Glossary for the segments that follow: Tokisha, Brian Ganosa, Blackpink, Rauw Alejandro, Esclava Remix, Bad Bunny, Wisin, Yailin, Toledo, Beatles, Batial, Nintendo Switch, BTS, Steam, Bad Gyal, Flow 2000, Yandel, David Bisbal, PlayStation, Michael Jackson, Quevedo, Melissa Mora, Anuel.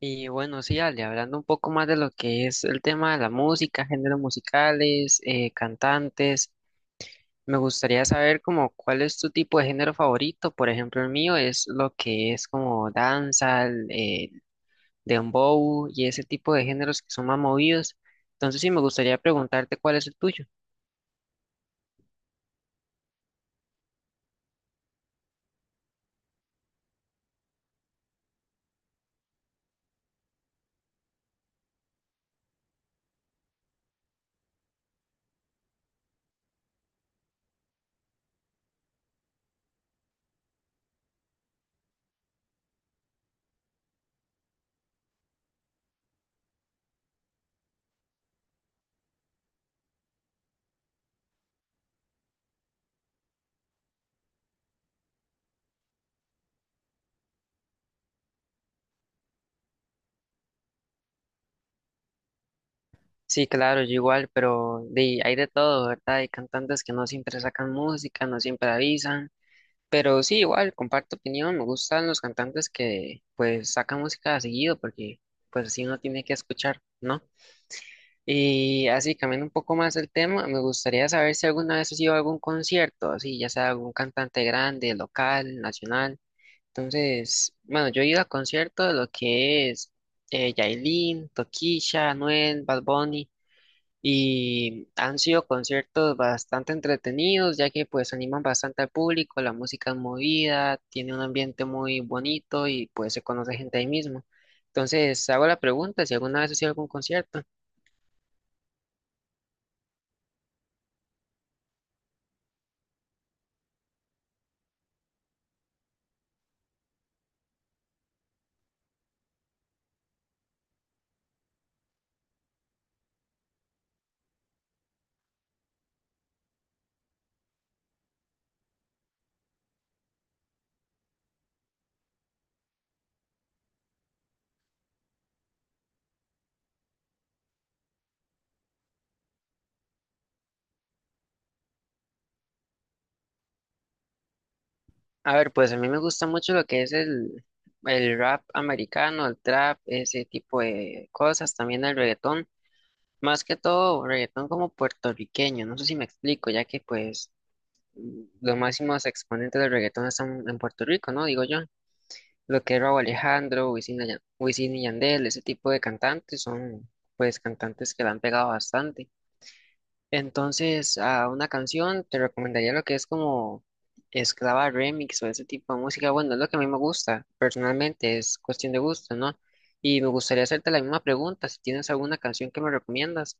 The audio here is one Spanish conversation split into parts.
Y bueno, sí, Ale, hablando un poco más de lo que es el tema de la música, géneros musicales, cantantes, me gustaría saber como cuál es tu tipo de género favorito. Por ejemplo, el mío es lo que es como danza, dembow y ese tipo de géneros que son más movidos. Entonces sí, me gustaría preguntarte cuál es el tuyo. Sí, claro, yo igual, pero hay de todo, ¿verdad? Hay cantantes que no siempre sacan música, no siempre avisan. Pero sí, igual, comparto opinión, me gustan los cantantes que pues sacan música seguido porque pues así uno tiene que escuchar, ¿no? Y así, cambiando un poco más el tema, me gustaría saber si alguna vez has ido a algún concierto, así, ya sea algún cantante grande, local, nacional. Entonces, bueno, yo he ido a conciertos de lo que es Yailin, Tokisha, Anuel, Bad Bunny. Y han sido conciertos bastante entretenidos, ya que pues animan bastante al público, la música es movida, tiene un ambiente muy bonito y pues se conoce gente ahí mismo. Entonces, hago la pregunta si alguna vez has ido a algún concierto. A ver, pues a mí me gusta mucho lo que es el rap americano, el trap, ese tipo de cosas, también el reggaetón, más que todo reggaetón como puertorriqueño, no sé si me explico, ya que pues los máximos exponentes del reggaetón están en Puerto Rico, ¿no? Digo yo. Lo que es Rauw Alejandro, Wisin, y Wisin y Yandel, ese tipo de cantantes son pues cantantes que la han pegado bastante. Entonces, a una canción te recomendaría lo que es como Esclava Remix o ese tipo de música. Bueno, es lo que a mí me gusta, personalmente, es cuestión de gusto, ¿no? Y me gustaría hacerte la misma pregunta, si tienes alguna canción que me recomiendas.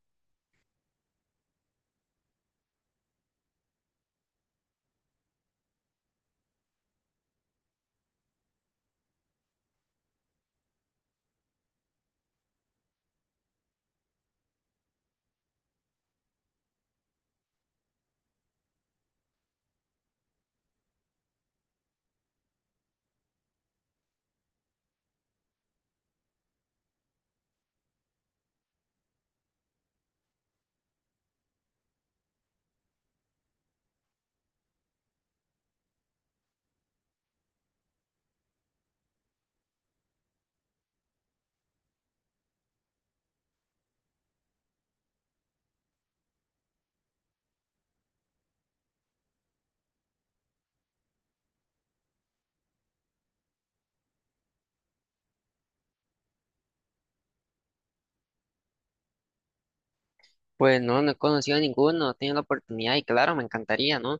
Pues no, no he conocido a ninguno, no he tenido la oportunidad y claro, me encantaría, ¿no?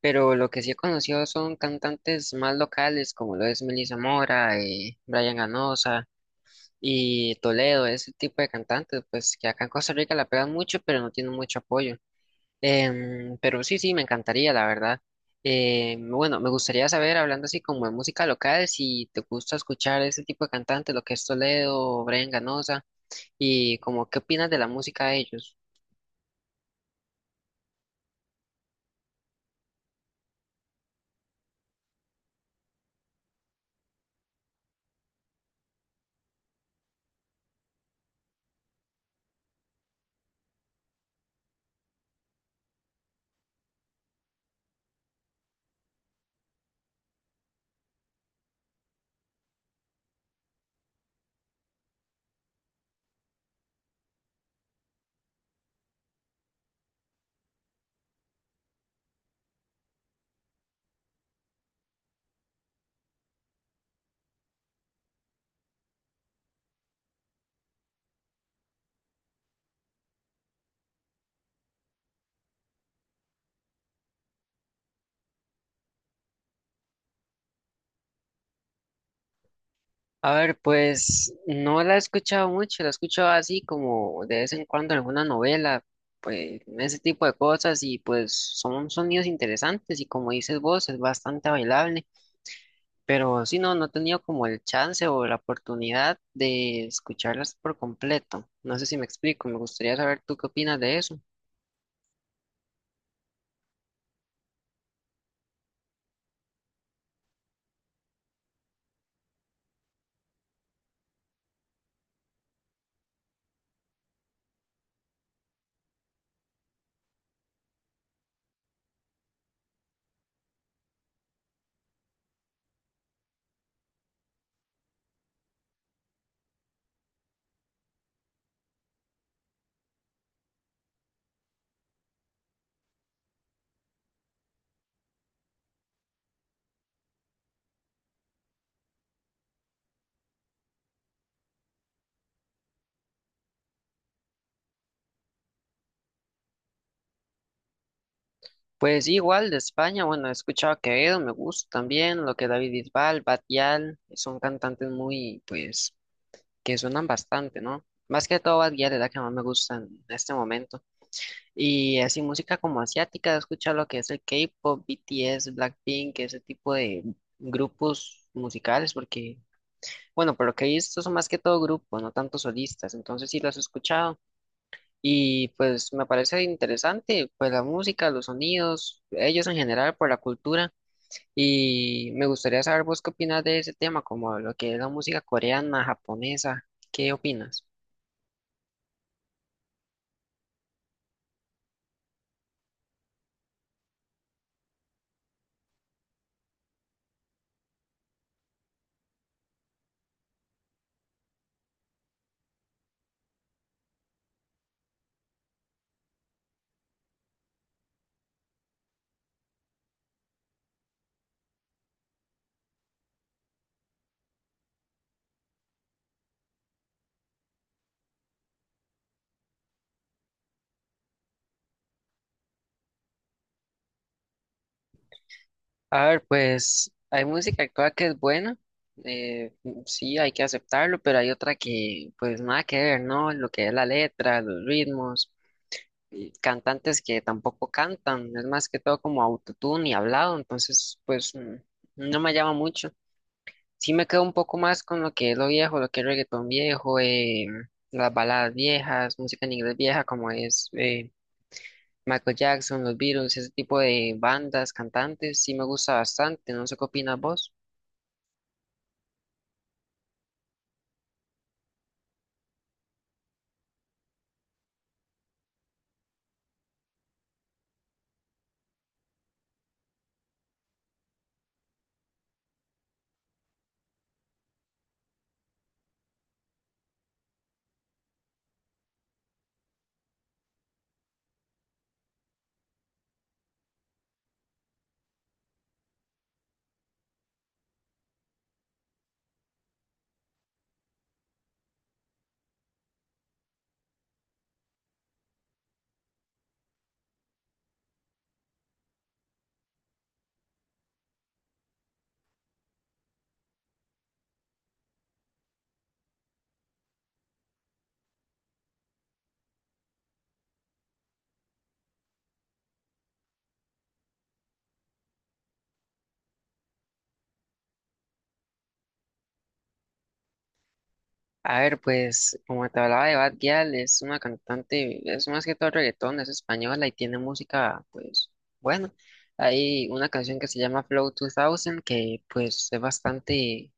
Pero lo que sí he conocido son cantantes más locales, como lo es Melissa Mora, Brian Ganosa y Toledo, ese tipo de cantantes, pues que acá en Costa Rica la pegan mucho, pero no tienen mucho apoyo. Pero sí, sí, me encantaría, la verdad. Bueno, me gustaría saber, hablando así como de música local, si te gusta escuchar ese tipo de cantantes, lo que es Toledo, Brian Ganosa, y como qué opinas de la música de ellos. A ver, pues no la he escuchado mucho, la he escuchado así como de vez en cuando en alguna novela, pues ese tipo de cosas y pues son sonidos interesantes y como dices vos es bastante bailable, pero sí no, no he tenido como el chance o la oportunidad de escucharlas por completo. No sé si me explico, me gustaría saber tú qué opinas de eso. Pues sí, igual de España, bueno, he escuchado a Quevedo, me gusta también, lo que David Bisbal, Batial, son cantantes muy pues que suenan bastante, ¿no? Más que todo Bad Gyal es la que más me gusta en este momento. Y así música como asiática, he escuchado lo que es el K-pop, BTS, Blackpink, ese tipo de grupos musicales, porque, bueno, por lo que he visto son más que todo grupos, no tanto solistas, entonces sí los he escuchado. Y pues me parece interesante, pues la música, los sonidos, ellos en general, por la cultura. Y me gustaría saber vos qué opinas de ese tema, como lo que es la música coreana, japonesa, ¿qué opinas? A ver, pues hay música actual que es buena, eh, sí, hay que aceptarlo, pero hay otra que pues nada que ver, ¿no? Lo que es la letra, los ritmos, y cantantes que tampoco cantan, es más que todo como autotune y hablado, entonces pues no me llama mucho. Sí me quedo un poco más con lo que es lo viejo, lo que es reggaetón viejo, las baladas viejas, música en inglés vieja como es Michael Jackson, los Beatles, ese tipo de bandas, cantantes, sí me gusta bastante, no sé qué opinas vos. A ver, pues como te hablaba de Bad Gyal, es una cantante, es más que todo reggaetón, es española y tiene música, pues bueno, hay una canción que se llama Flow 2000 que pues es bastante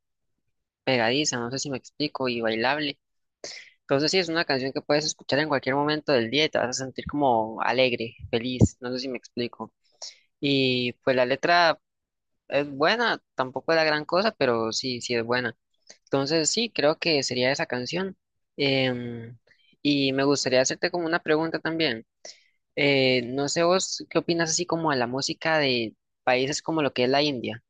pegadiza, no sé si me explico, y bailable. Entonces sí, es una canción que puedes escuchar en cualquier momento del día y te vas a sentir como alegre, feliz, no sé si me explico. Y pues la letra es buena, tampoco es la gran cosa, pero sí, sí es buena. Entonces, sí, creo que sería esa canción. Em, y me gustaría hacerte como una pregunta también. No sé vos qué opinas así como a la música de países como lo que es la India.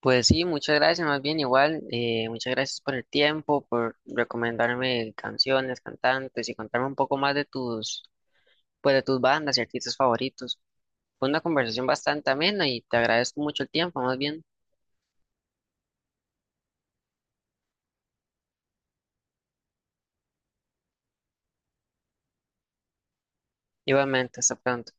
Pues sí, muchas gracias, más bien igual, muchas gracias por el tiempo, por recomendarme canciones, cantantes y contarme un poco más de tus, pues de tus bandas y artistas favoritos. Fue una conversación bastante amena y te agradezco mucho el tiempo, más bien. Igualmente, hasta pronto.